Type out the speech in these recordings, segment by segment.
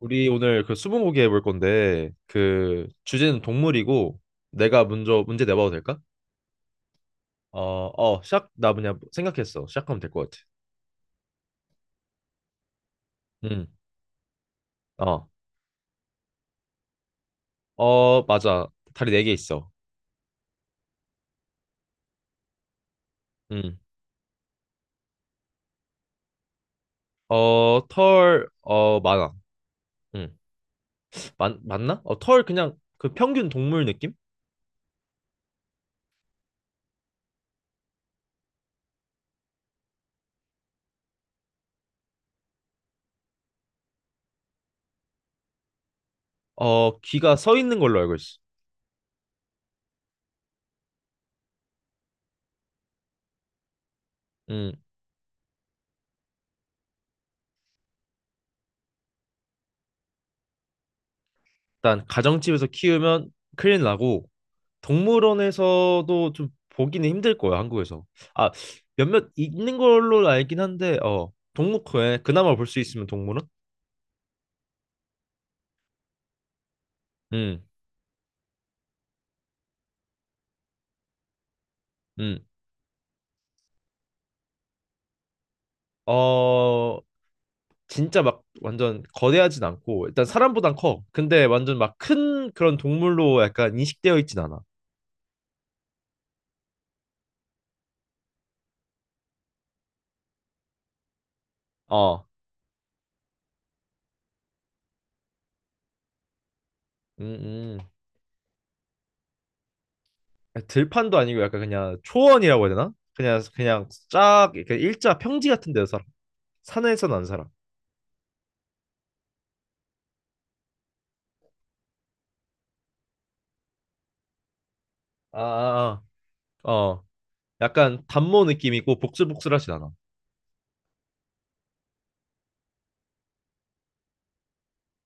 우리 오늘 그 스무고개 해볼 건데 그 주제는 동물이고, 내가 먼저 문제 내봐도 될까? 어, 시작 나 그냥 생각했어. 시작하면 될 것 같아. 응. 어. 어, 맞아. 다리 네 개 있어. 응. 어, 털, 어, 많아. 응. 맞나? 어, 털 그냥 그 평균 동물 느낌? 어, 귀가 서 있는 걸로 알고 있어. 응. 일단 가정집에서 키우면 큰일 나고 동물원에서도 좀 보기는 힘들 거예요, 한국에서. 아, 몇몇 있는 걸로 알긴 한데 어, 동물원에 그나마 볼 수 있으면 동물원? 음. 음. 어, 진짜 막 완전 거대하진 않고 일단 사람보단 커. 근데 완전 막 큰 그런 동물로 약간 인식되어 있진 않아. 어. 음, 들판도 아니고 약간 그냥 초원이라고 해야 되나? 그냥 쫙 이렇게 일자 평지 같은 데서 살아. 산에서는 안 살아. 아, 아, 아. 어, 약간 단모 느낌이고 복슬복슬하진 않아.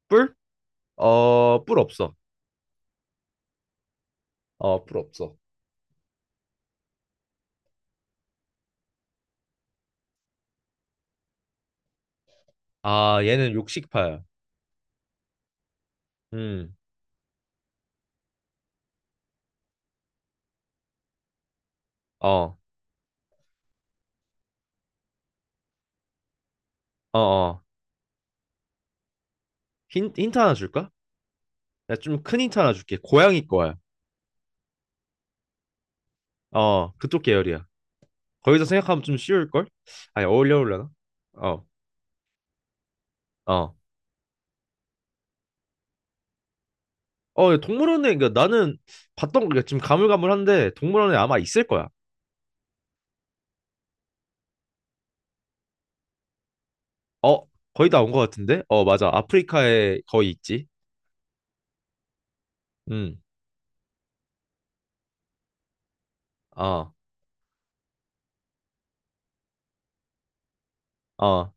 뿔? 어, 뿔 없어. 어, 뿔 없어. 아, 얘는 육식파야. 음, 어, 어, 어. 힌트 하나 줄까? 야, 좀 큰 힌트 하나 줄게. 고양이 거야. 어, 그쪽 계열이야. 거기서 생각하면 좀 쉬울걸? 아니, 어울려나? 어, 어. 어, 동물원에, 그러니까 나는 봤던 거, 그러니까 지금 가물가물한데 동물원에 아마 있을 거야. 어, 거의 다 온 거 같은데? 어, 맞아. 아프리카에 거의 있지. 음, 어, 어.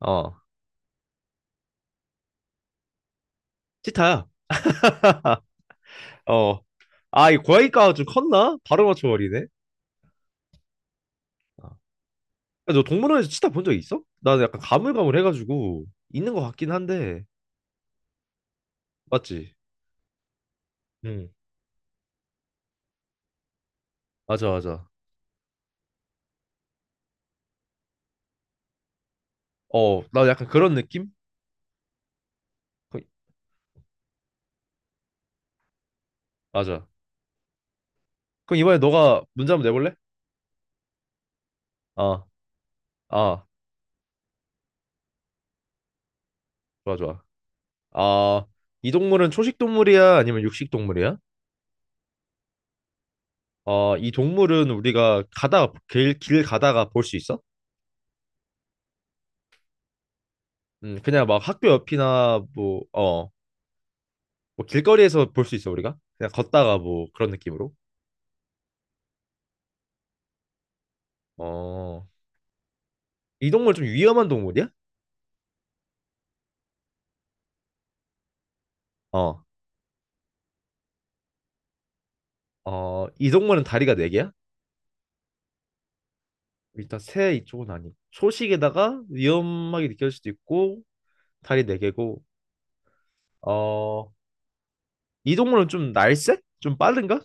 어, 치타야. 어, 아, 이 고양이과가 좀 컸나? 바로 맞춰버리네. 어. 야, 너 동물원에서 치타 본 적 있어? 나는 약간 가물가물해가지고 있는 것 같긴 한데, 맞지? 응, 맞아, 맞아. 어, 나 약간 그런 느낌? 그- 맞아. 그럼 이번에 너가 문제 한번 내볼래? 아, 아, 좋아, 좋아. 아, 이 동물은 초식 동물이야? 아니면 육식 동물이야? 어, 이 동물은 우리가 가다가 길 가다가 볼 수 있어? 그냥 막 학교 옆이나 뭐, 어, 뭐 길거리에서 볼 수 있어 우리가? 그냥 걷다가 뭐 그런 느낌으로? 어. 이 동물 좀 위험한 동물이야? 어. 어, 이 동물은 다리가 네 개야? 일단 새 이쪽은 아니. 초식에다가 위험하게 느껴질 수도 있고 다리 네 개고. 어. 이 동물은 좀 날쌔? 좀 빠른가?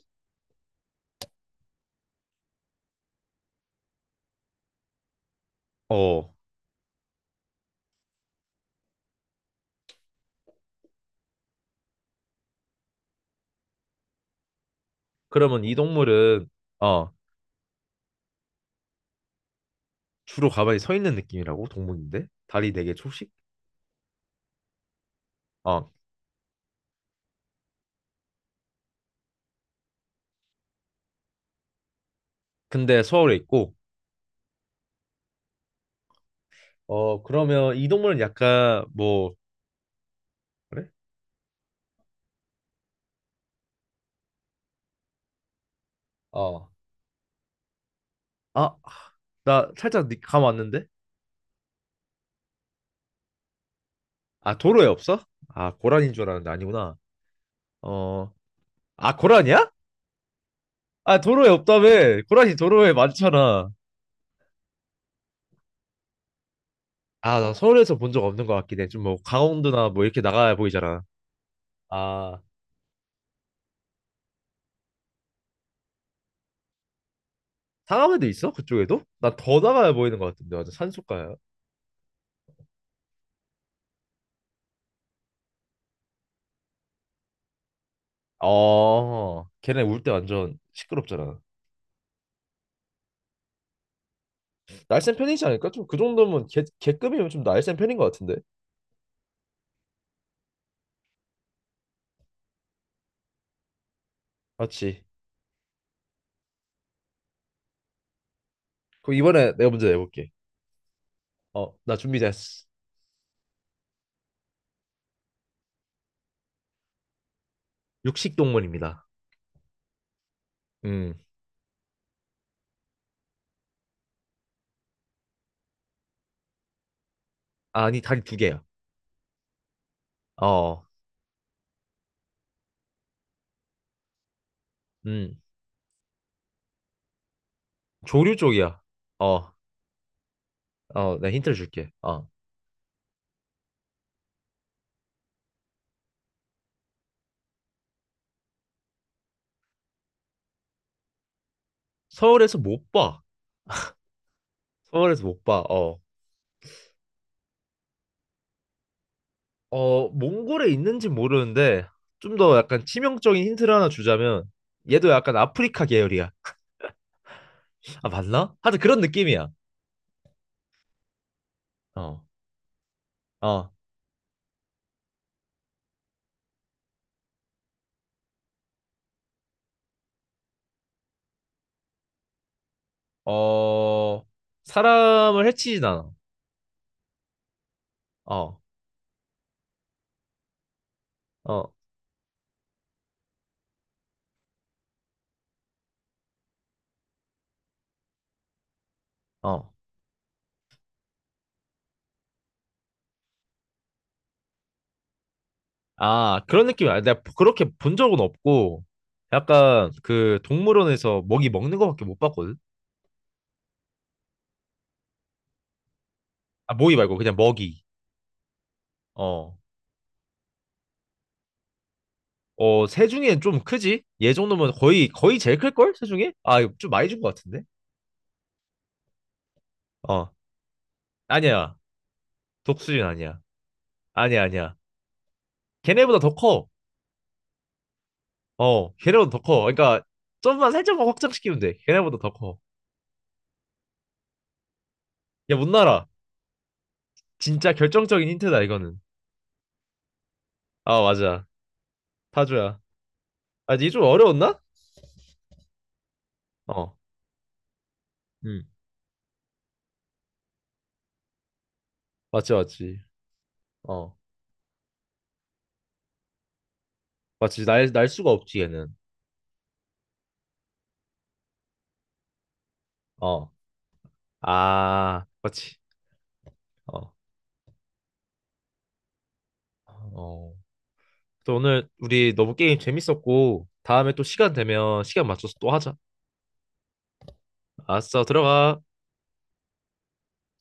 어. 그러면 이 동물은 어, 주로 가만히 서 있는 느낌이라고 동물인데 다리 네 개 초식? 어. 근데 서울에 있고 어, 그러면 이 동물은 약간 뭐 그래? 어. 아, 나 살짝 감 왔는데? 아, 도로에 없어? 아, 고란인 줄 알았는데 아니구나. 어, 아, 고란이야? 아, 도로에 없다며. 고란이 도로에 많잖아. 아, 나 서울에서 본 적 없는 것 같긴 해. 좀 뭐, 강원도나 뭐, 이렇게 나가야 보이잖아. 아, 상암에도 있어? 그쪽에도? 나 더 나가야 보이는 것 같은데. 완전 산속가야. 어, 걔네 울 때 완전 시끄럽잖아. 날쌘 편이지 않을까? 좀 그 정도면 개급이면 좀 날쌘 편인 것 같은데. 맞지? 그럼 이번에 내가 문제 내볼게. 어, 나 준비됐어. 육식동물입니다. 음. 아니, 다리 두 개야. 어, 음, 조류 쪽이야. 어, 어, 나 힌트를 줄게. 어, 서울에서 못 봐. 서울에서 못 봐. 어, 어, 몽골에 있는지 모르는데 좀 더 약간 치명적인 힌트를 하나 주자면 얘도 약간 아프리카 계열이야. 아, 맞나? 하여튼 그런 느낌이야. 어, 어, 어, 사람을 해치진 않아. 어, 어, 어. 아, 그런 느낌이야. 내가 그렇게 본 적은 없고 약간 그 동물원에서 먹이 먹는 거밖에 못 봤거든. 아, 모이 말고 그냥 먹이. 어. 어, 새 중엔 좀 크지? 얘 정도면 거의 제일 클 걸? 새 중에? 아, 이거 좀 많이 준 것 같은데. 어. 아니야. 독수리는 아니야. 아니야, 아니야. 걔네보다 더 커. 어. 걔네보다 더 커. 그러니까 좀만 살짝만 확장시키면 돼. 걔네보다 더 커. 야, 못 날아. 진짜 결정적인 힌트다 이거는. 아, 맞아. 타조야. 아, 이게 좀 어려웠나? 어. 음. 맞지, 맞지. 어. 맞지. 날 수가 없지 얘는. 어. 아, 맞지. 어. 어. 또 오늘 우리 너무 게임 재밌었고 다음에 또 시간 되면 시간 맞춰서 또 하자. 알았어, 들어가.